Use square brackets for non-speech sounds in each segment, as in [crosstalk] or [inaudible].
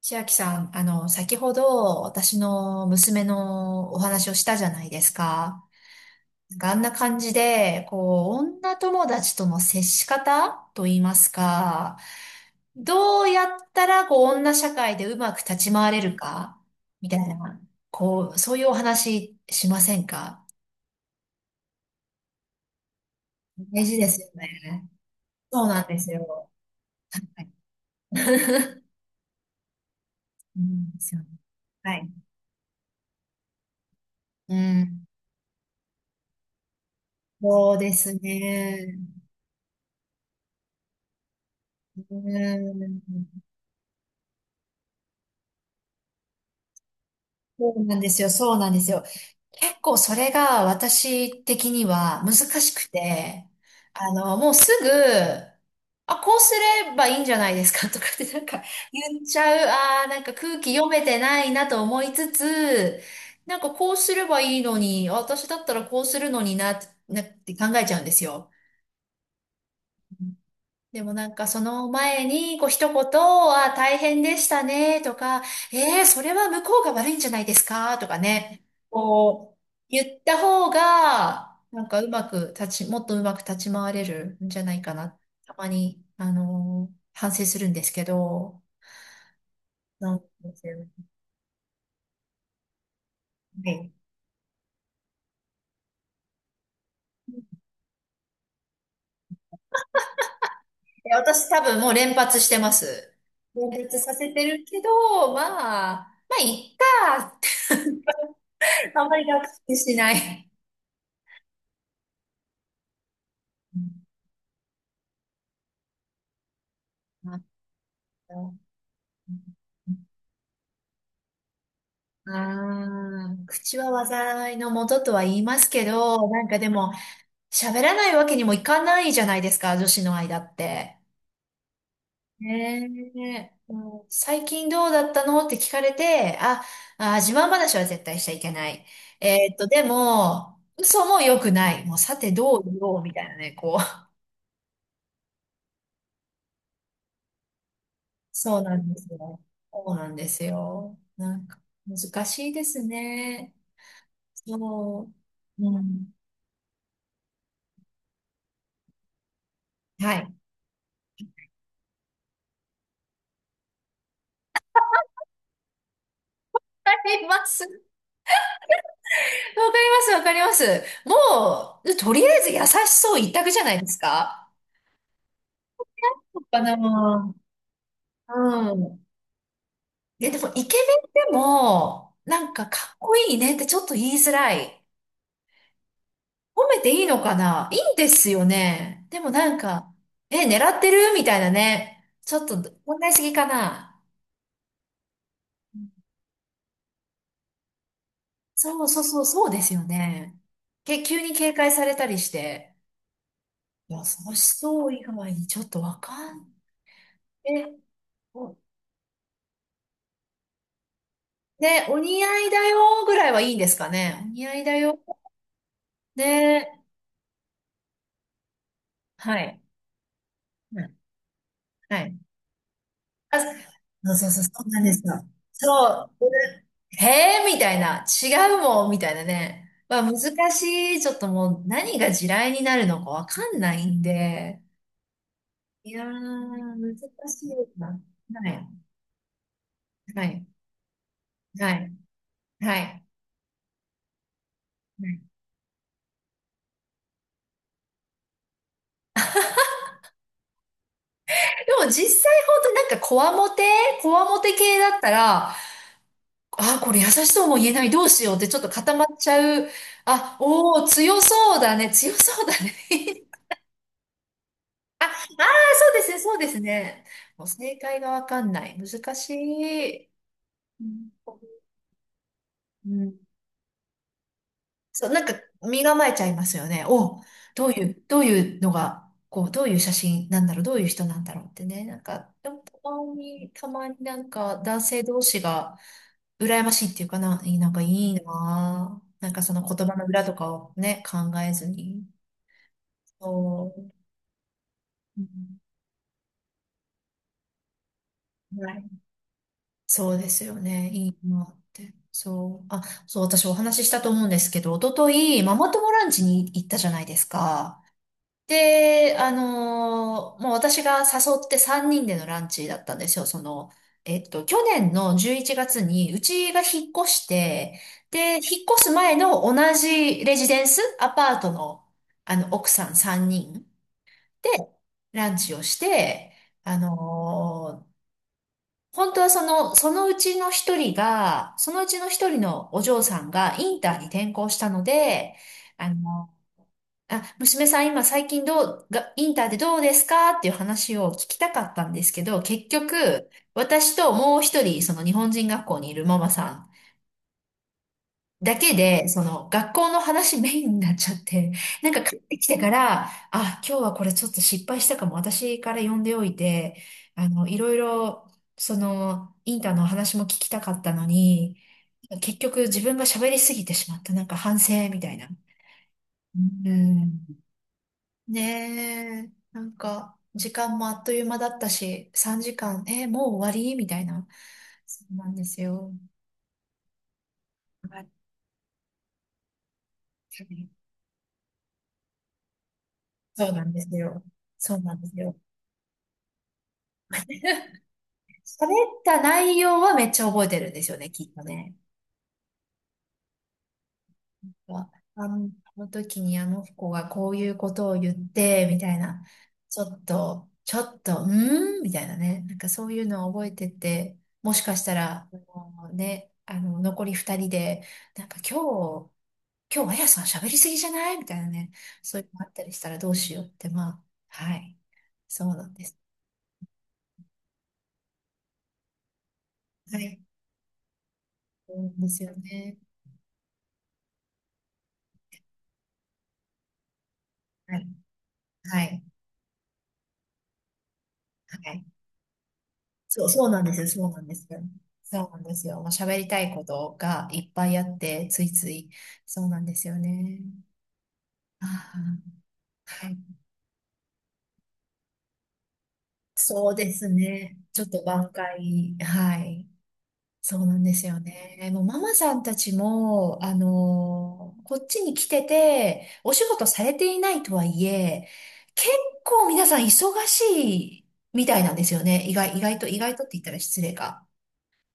千秋さん、先ほど私の娘のお話をしたじゃないですか。なんかあんな感じで、こう、女友達との接し方と言いますか、どうやったら、こう、女社会でうまく立ち回れるか、みたいな、こう、そういうお話しませんか？大事ですよね。そうなんですよ。はい。[laughs] うんですよね。はい。うん。そうですね。うん。そうなんですよ、そうなんですよ。結構それが私的には難しくて、もうすぐ、あ、こうすればいいんじゃないですか [laughs] とかってなんか言っちゃう、あーなんか空気読めてないなと思いつつ、なんかこうすればいいのに、私だったらこうするのにな、なって考えちゃうんですよ。でもなんかその前に、こう一言、あ、大変でしたね、とか、それは向こうが悪いんじゃないですか、とかね、こう、言った方が、なんかうまく立ち、もっとうまく立ち回れるんじゃないかな。たまに、反省するんですけど、なんですよね。はい。で私多分もう連発してます。連発させてるけど、まあ、まあ、いっか。[laughs] あんまり学習しない。うん、あった、ああ、口は災いのもととは言いますけど、なんかでも、喋らないわけにもいかないじゃないですか、女子の間って。ねえ、もう最近どうだったのって聞かれて、あ、あ、自慢話は絶対しちゃいけない。でも、嘘も良くない。もうさてどう言おうみたいなね、こう。そうなんですよ。そうなんですよ。なんか、難しいですね。そう。うん。はい。あります。わかります、わかります。もう、とりあえず優しそう一択じゃないですか。そうかな。うん。で、でも、イケメンでも、なんか、かっこいいねってちょっと言いづらい。褒めていいのかないいんですよね。でもなんか、え、狙ってるみたいなね。ちょっと、問題すぎかな。そうそうそう、そうですよね。け、急に警戒されたりして。優しそう以外にちょっとわかん、え、ね、お似合いだよぐらいはいいんですかね。お似合いだよ。ね、はい。うん、はい。あ、そうそうそう、そうなんですよ。そう。ええー、みたいな。違うもん、みたいなね。まあ、難しい。ちょっともう、何が地雷になるのかわかんないんで。いやー、難しいな。はい。はい。はい。はい。でも実際本当になんかこわもて系だったら、ああ、これ優しそうも言えない、どうしようってちょっと固まっちゃう。あ、おお、強そうだね、強そうだね。[laughs] あ、ああ、そうですね、そうですね。もう正解がわかんない。難しい。うん。うん、そう、なんか身構えちゃいますよね。お、どういう、どういうのが、こう、どういう写真なんだろう、どういう人なんだろうってね。なんか、でもたまに、たまになんか男性同士が羨ましいっていうかな、いいなんかいいなぁ。なんかその言葉の裏とかをね、考えずに。そう。うん、はい。そうですよね。いいなって。そう。あ、そう、私お話ししたと思うんですけど、おととい、ママ友ランチに行ったじゃないですか。で、もう私が誘って3人でのランチだったんですよ。その、去年の11月にうちが引っ越して、で、引っ越す前の同じレジデンス、アパートの、奥さん3人でランチをして、あのー本当はその、そのうちの一人が、そのうちの一人のお嬢さんがインターに転校したので、あの、あ、娘さん今最近どう、が、インターでどうですかっていう話を聞きたかったんですけど、結局、私ともう一人、その日本人学校にいるママさんだけで、その学校の話メインになっちゃって、なんか帰ってきてから、あ、今日はこれちょっと失敗したかも、私から呼んでおいて、いろいろ、その、インターの話も聞きたかったのに、結局自分が喋りすぎてしまった、なんか反省みたいな。うん。ねえ、なんか、時間もあっという間だったし、3時間、もう終わりみたいな。そうなんですよ。はい、そうなんですよ。そうなんですよ。[laughs] 喋った内容はめっちゃ覚えてるんですよね、きっとね。あ、あの時にあの子がこういうことを言って、みたいな。ちょっと、うーんみたいなね。なんかそういうのを覚えてて、もしかしたら、あの、残り2人で、なんか今日、今日、あやさん喋りすぎじゃないみたいなね、そういうのあったりしたらどうしようって、まあ、はい。そうなんです。はい。そうですよね。はい。はい。はい。そう、そうなんですよ。そうなんですよ。そうなんですよ。もう喋りたいことがいっぱいあって、ついつい。そうなんですよね。あ、あ、はい。そうですね。ちょっと挽回、はい。そうなんですよね。もうママさんたちも、こっちに来てて、お仕事されていないとはいえ、結構皆さん忙しいみたいなんですよね。意外とって言ったら失礼か。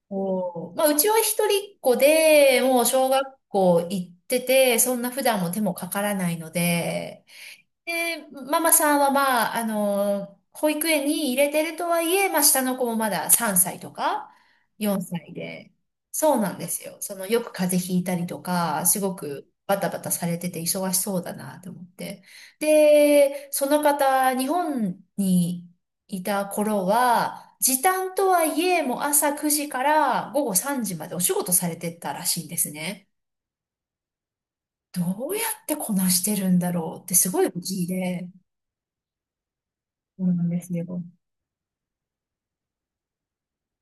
おーまあ、うちは一人っ子で、もう小学校行ってて、そんな普段も手もかからないので、で、ママさんはまあ、保育園に入れてるとはいえ、まあ、下の子もまだ3歳とか4歳で、そうなんですよ。その、よく風邪ひいたりとか、すごくバタバタされてて忙しそうだなと思って。で、その方、日本にいた頃は、時短とはいえ、もう朝9時から午後3時までお仕事されてたらしいんですね。どうやってこなしてるんだろうってすごい不思議で。そうなんですよ。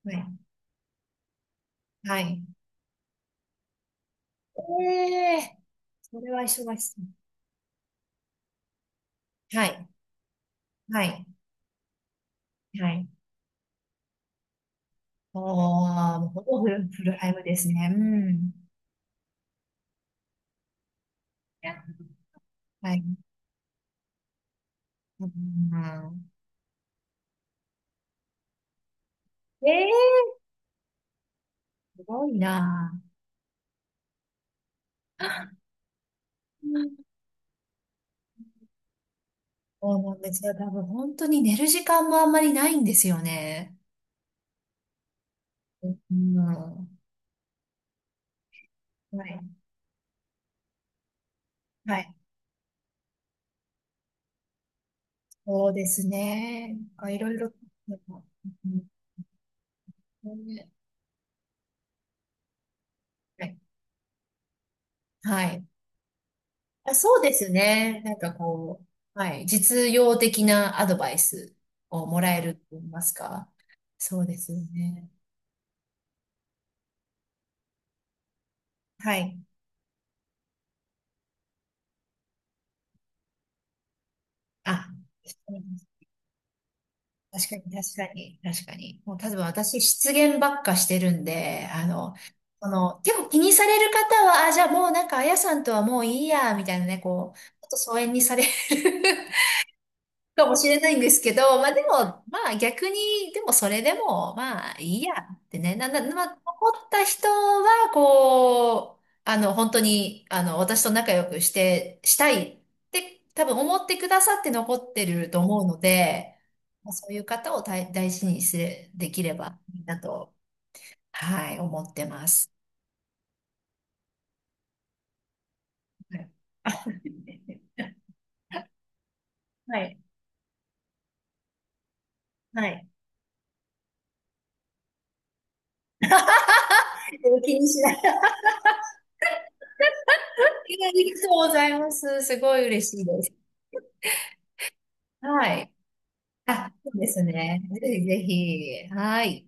はい。はい。ええ、それは忙しそう。はい。はい。はい。おー、もうほぼフルタイムですね。うん。いや、はい。うん、ええ、すごいな。そうなんですよ。多分本当に寝る時間もあんまりないんですよね。うん。はい。はい。そうですね。なんかいろいろ。うん、はい。はい、あ、そうですね。なんかこう、はい、実用的なアドバイスをもらえると言いますか。そうですよね。はい。あ、確かに、確かに、確かに。もう、例えば私、失言ばっかしてるんで、その、結構気にされる方は、あ、じゃあもうなんか、あやさんとはもういいや、みたいなね、こう、ちょっと疎遠にされるかもしれないんですけど、まあでも、まあ逆に、でもそれでも、まあいいやってね、な、な、まあ残った人は、こう、本当に、私と仲良くして、したいって多分思ってくださって残ってると思うので、まあそういう方を大事にすれ、できればいいなと、はい、思ってます。はい。[laughs] はい。はい。気にしない。[laughs] ありがとうございます。すごい嬉しいです。はい。あ、そうですね。ぜひぜひ。はい。